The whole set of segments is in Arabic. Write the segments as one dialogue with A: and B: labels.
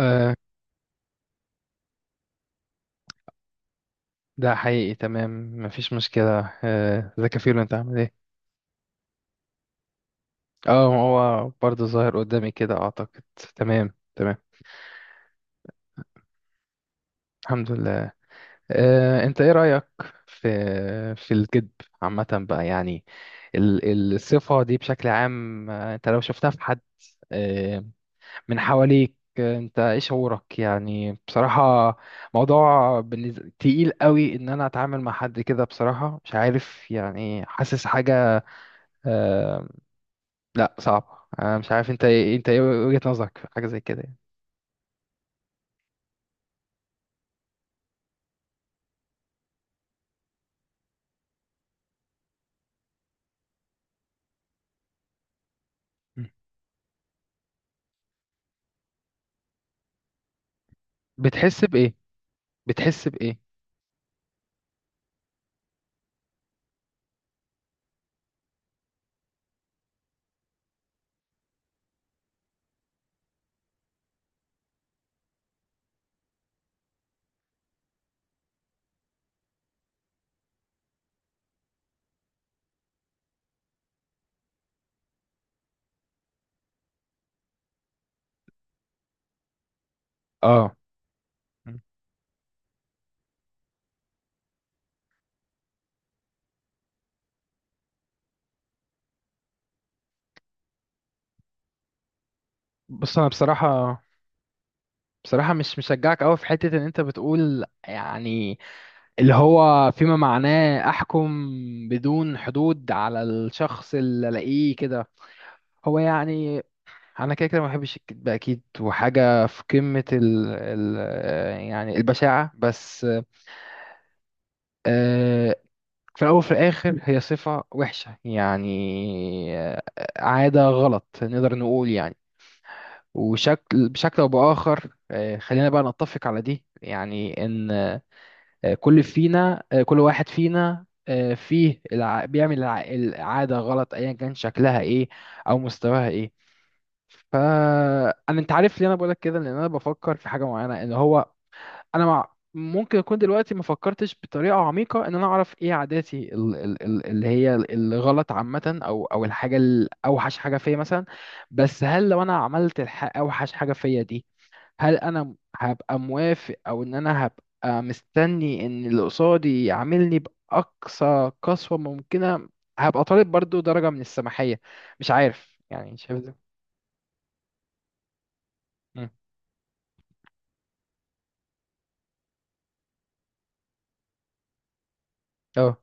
A: آه، ده حقيقي. تمام، مفيش مشكلة. ذاك فيلو، انت عامل ايه؟ اه، هو برضه ظاهر قدامي كده اعتقد. تمام، تمام. الحمد لله. انت ايه رأيك في الكذب عامة بقى، يعني الصفة دي بشكل عام. انت لو شفتها في حد آه من حواليك، انت ايه شعورك؟ يعني بصراحة موضوع بالنسبة تقيل قوي، ان انا اتعامل مع حد كده. بصراحة مش عارف، يعني حاسس حاجة. آه، لا صعب، انا مش عارف. انت ايه وجهة نظرك في حاجة زي كده يعني؟ م. بتحس بايه بتحس بايه؟ اه. م. بص انا بصراحة، بصراحة مش مشجعك قوي في حتة ان انت بتقول، يعني اللي هو فيما معناه احكم بدون حدود على الشخص اللي الاقيه كده. هو يعني انا كده كده ما بحبش الكذب اكيد، وحاجة في قمة ال يعني البشاعة بس. آه، في الأول وفي الآخر هي صفة وحشة يعني. آه، عادة غلط نقدر نقول يعني، وشكل بشكل أو بآخر. خلينا بقى نتفق على دي، يعني إن، كل واحد فينا بيعمل العادة غلط، أيا كان شكلها إيه أو مستواها إيه. فأنا، أنت عارف ليه أنا بقولك كده؟ لأن أنا بفكر في حاجة معينة، إن هو انا مع ممكن اكون دلوقتي ما فكرتش بطريقه عميقه ان انا اعرف ايه عاداتي اللي هي الغلط عامه، او الحاجه الاوحش حاجه فيا مثلا. بس هل لو انا عملت اوحش حاجه فيا دي، هل انا هبقى موافق؟ او ان انا هبقى مستني ان اللي قصادي يعاملني باقصى قسوه ممكنه؟ هبقى طالب برضو درجه من السماحيه. مش عارف يعني، شايف ده؟ مم. اه.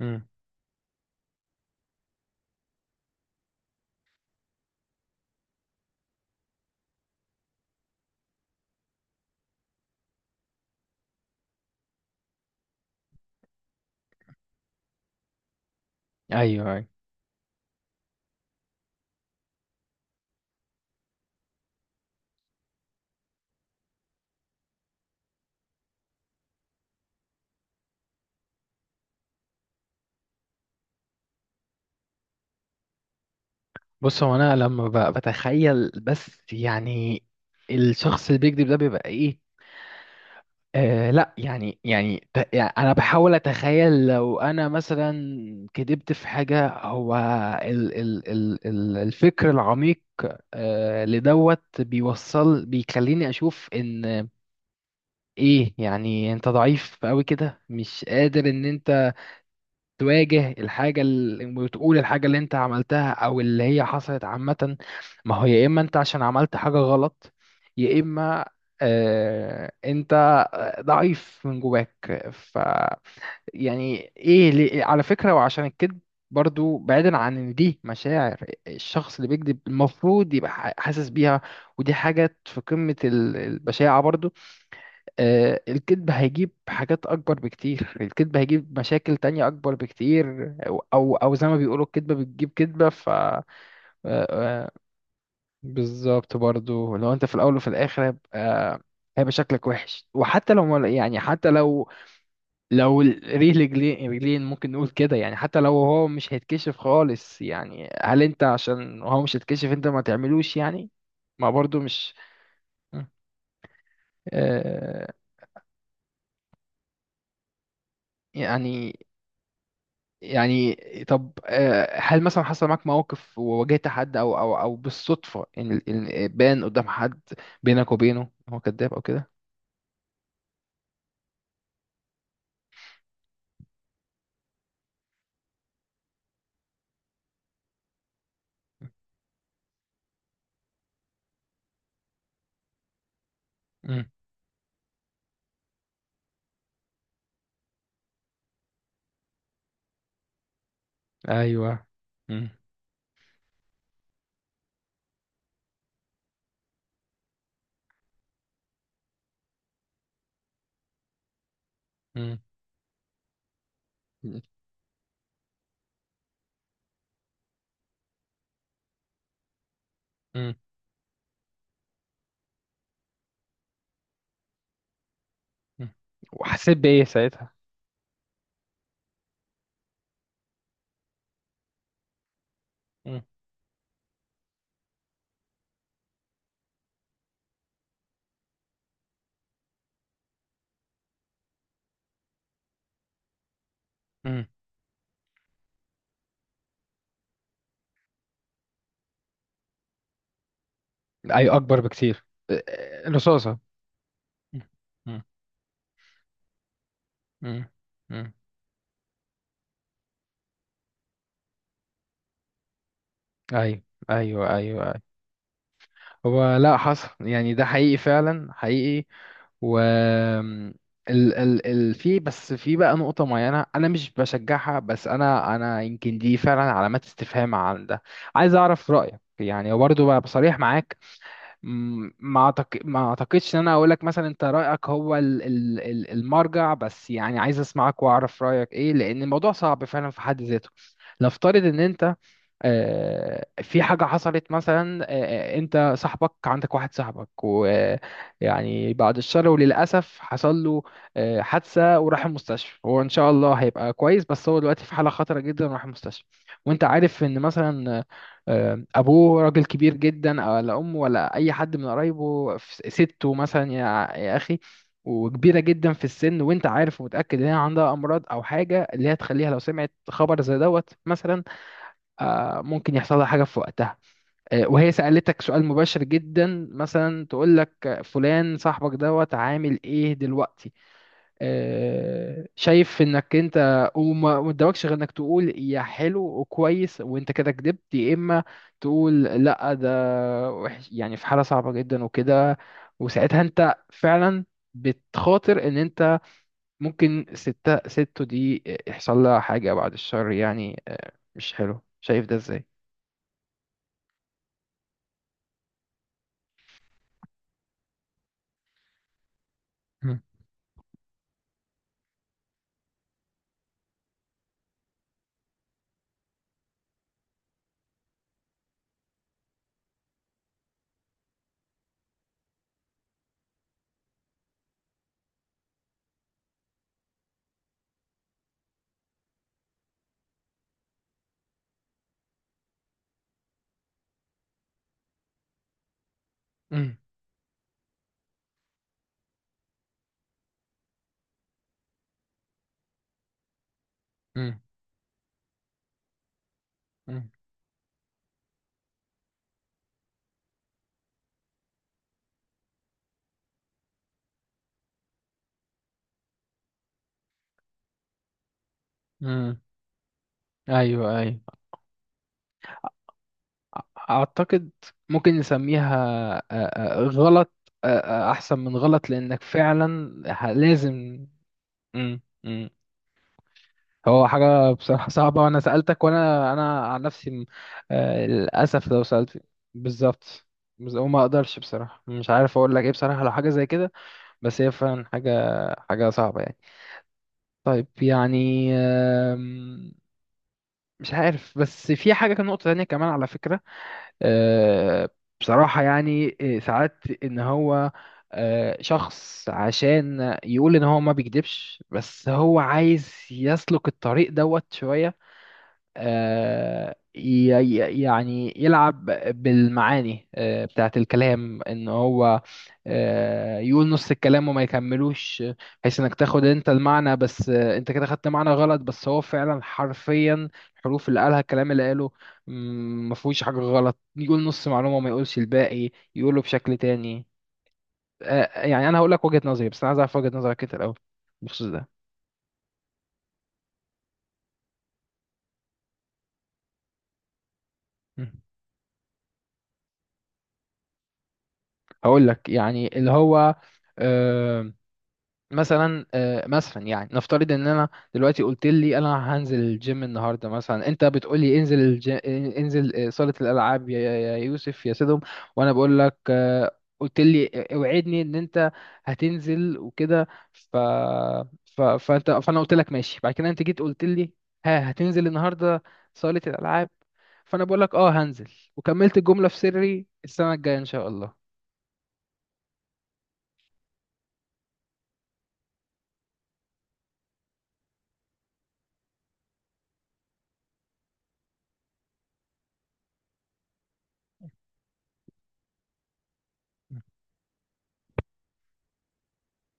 A: مم. ايوه. بص، هو انا لما بتخيل بس، يعني الشخص اللي بيكذب ده بيبقى ايه؟ لا يعني، يعني انا بحاول اتخيل، لو انا مثلا كذبت في حاجة، هو ال ال ال ال الفكر العميق لدوت بيوصل، بيخليني اشوف ان ايه يعني. انت ضعيف قوي كده، مش قادر ان انت تواجه الحاجة وتقول الحاجة اللي انت عملتها او اللي هي حصلت عامة. ما هو يا اما انت عشان عملت حاجة غلط، يا اما انت ضعيف من جواك. ف يعني ايه على فكرة، وعشان الكذب برضو، بعيدا عن ان دي مشاعر الشخص اللي بيكذب المفروض يبقى حاسس بيها، ودي حاجة في قمة البشاعة برضو. الكذب هيجيب حاجات أكبر بكتير، الكذب هيجيب مشاكل تانية أكبر بكتير، أو زي ما بيقولوا الكذبة بتجيب كذبة. ف آه، بالظبط برضو. لو أنت في الأول وفي الآخر هيبقى، هيبقى شكلك وحش. وحتى لو يعني حتى لو رجلين رجلين ممكن نقول كده يعني، حتى لو هو مش هيتكشف خالص يعني، هل أنت عشان هو مش هيتكشف أنت ما تعملوش يعني؟ ما برضو مش. آه، يعني يعني طب، هل مثلا حصل معاك مواقف وواجهت حد، او بالصدفة، ان إن بان قدام حد بينك وبينه هو كذاب او كده؟ امم. ايوه. امم. امم. امم. وحسيت بايه ساعتها؟ امم. امم. ايوه، اكبر بكتير، رصاصة. مم. مم. مم. مم. ايوه، ايوه، ايوه. هو لا، حصل يعني، ده حقيقي فعلا حقيقي. و ال في بقى نقطة معينة أنا مش بشجعها، بس أنا يمكن دي فعلا علامات استفهام عن ده. عايز أعرف رأيك يعني برضه بقى بصريح معاك. ما أعتقدش إن أنا أقول لك مثلا أنت رأيك هو ال المرجع، بس يعني عايز أسمعك وأعرف رأيك إيه، لأن الموضوع صعب فعلا في حد ذاته. نفترض إن أنت، في حاجة حصلت مثلا، انت صاحبك عندك واحد صاحبك، ويعني بعد الشر وللأسف حصل له حادثة وراح المستشفى. هو ان شاء الله هيبقى كويس، بس هو دلوقتي في حالة خطرة جدا وراح المستشفى. وانت عارف ان مثلا ابوه راجل كبير جدا، ولا امه، ولا اي حد من قرايبه، سته مثلا، يا يا اخي، وكبيرة جدا في السن، وانت عارف ومتأكد ان هي عندها امراض او حاجة اللي هي تخليها لو سمعت خبر زي دوت مثلا ممكن يحصل لها حاجة في وقتها. وهي سألتك سؤال مباشر جدا، مثلا تقول لك فلان صاحبك دوت عامل ايه دلوقتي؟ شايف انك انت وما ما قدامكش غير انك تقول يا حلو وكويس وانت كده كدبت، يا اما تقول لا ده وحش يعني في حالة صعبة جدا وكده. وساعتها انت فعلا بتخاطر ان انت ممكن ستو دي يحصل لها حاجة بعد الشر يعني. مش حلو، شايف ده ازاي؟ مم. مم. مم. مم. ايوه، ايوه. اعتقد ممكن نسميها غلط، آه، احسن من غلط، لانك فعلا لازم. مم. مم. هو حاجه بصراحه صعبه، وانا سالتك وانا انا عن نفسي للاسف لو سالت بالظبط، بس ما اقدرش بصراحه، مش عارف اقول لك ايه بصراحه لو حاجه زي كده. بس هي فعلا حاجه، حاجه صعبه يعني. طيب، يعني مش عارف. بس في حاجه كان نقطه تانية كمان على فكره. آه، بصراحة يعني ساعات ان هو شخص عشان يقول ان هو ما بيكدبش، بس هو عايز يسلك الطريق دوت شوية، يعني يلعب بالمعاني بتاعة الكلام، ان هو يقول نص الكلام وما يكملوش بحيث انك تاخد انت المعنى، بس انت كده خدت معنى غلط، بس هو فعلا حرفيا الحروف اللي قالها، الكلام اللي قاله ما فيهوش حاجة غلط. يقول نص معلومة وما يقولش الباقي، يقوله بشكل تاني. يعني انا هقول لك وجهة نظري، بس انا عايز اعرف وجهة نظرك انت الاول بخصوص ده. مم. هقول لك يعني اللي هو آه، مثلا، يعني نفترض ان انا دلوقتي، قلت لي انا هنزل الجيم النهارده مثلا، انت بتقول لي انزل انزل صالة الالعاب يا يا يا يوسف يا سيدهم. وانا بقول لك قلت لي اوعدني ان انت هتنزل وكده. ف... ف... فانت فانا قلت لك ماشي. بعد كده انت جيت قلت لي ها هتنزل النهارده صالة الالعاب. فانا بقول لك اه هنزل، وكملت الجملة في سري السنة الجاية ان شاء الله.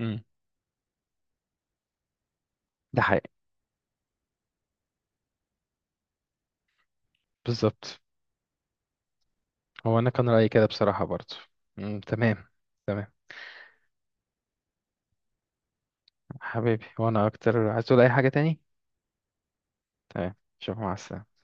A: مم. ده حقيقي، بالظبط. هو انا كان رايي كده بصراحه برضه. مم، تمام. تمام. حبيبي، وانا اكتر. عايز تقول اي حاجه تاني؟ تمام، شوف. مع السلامه.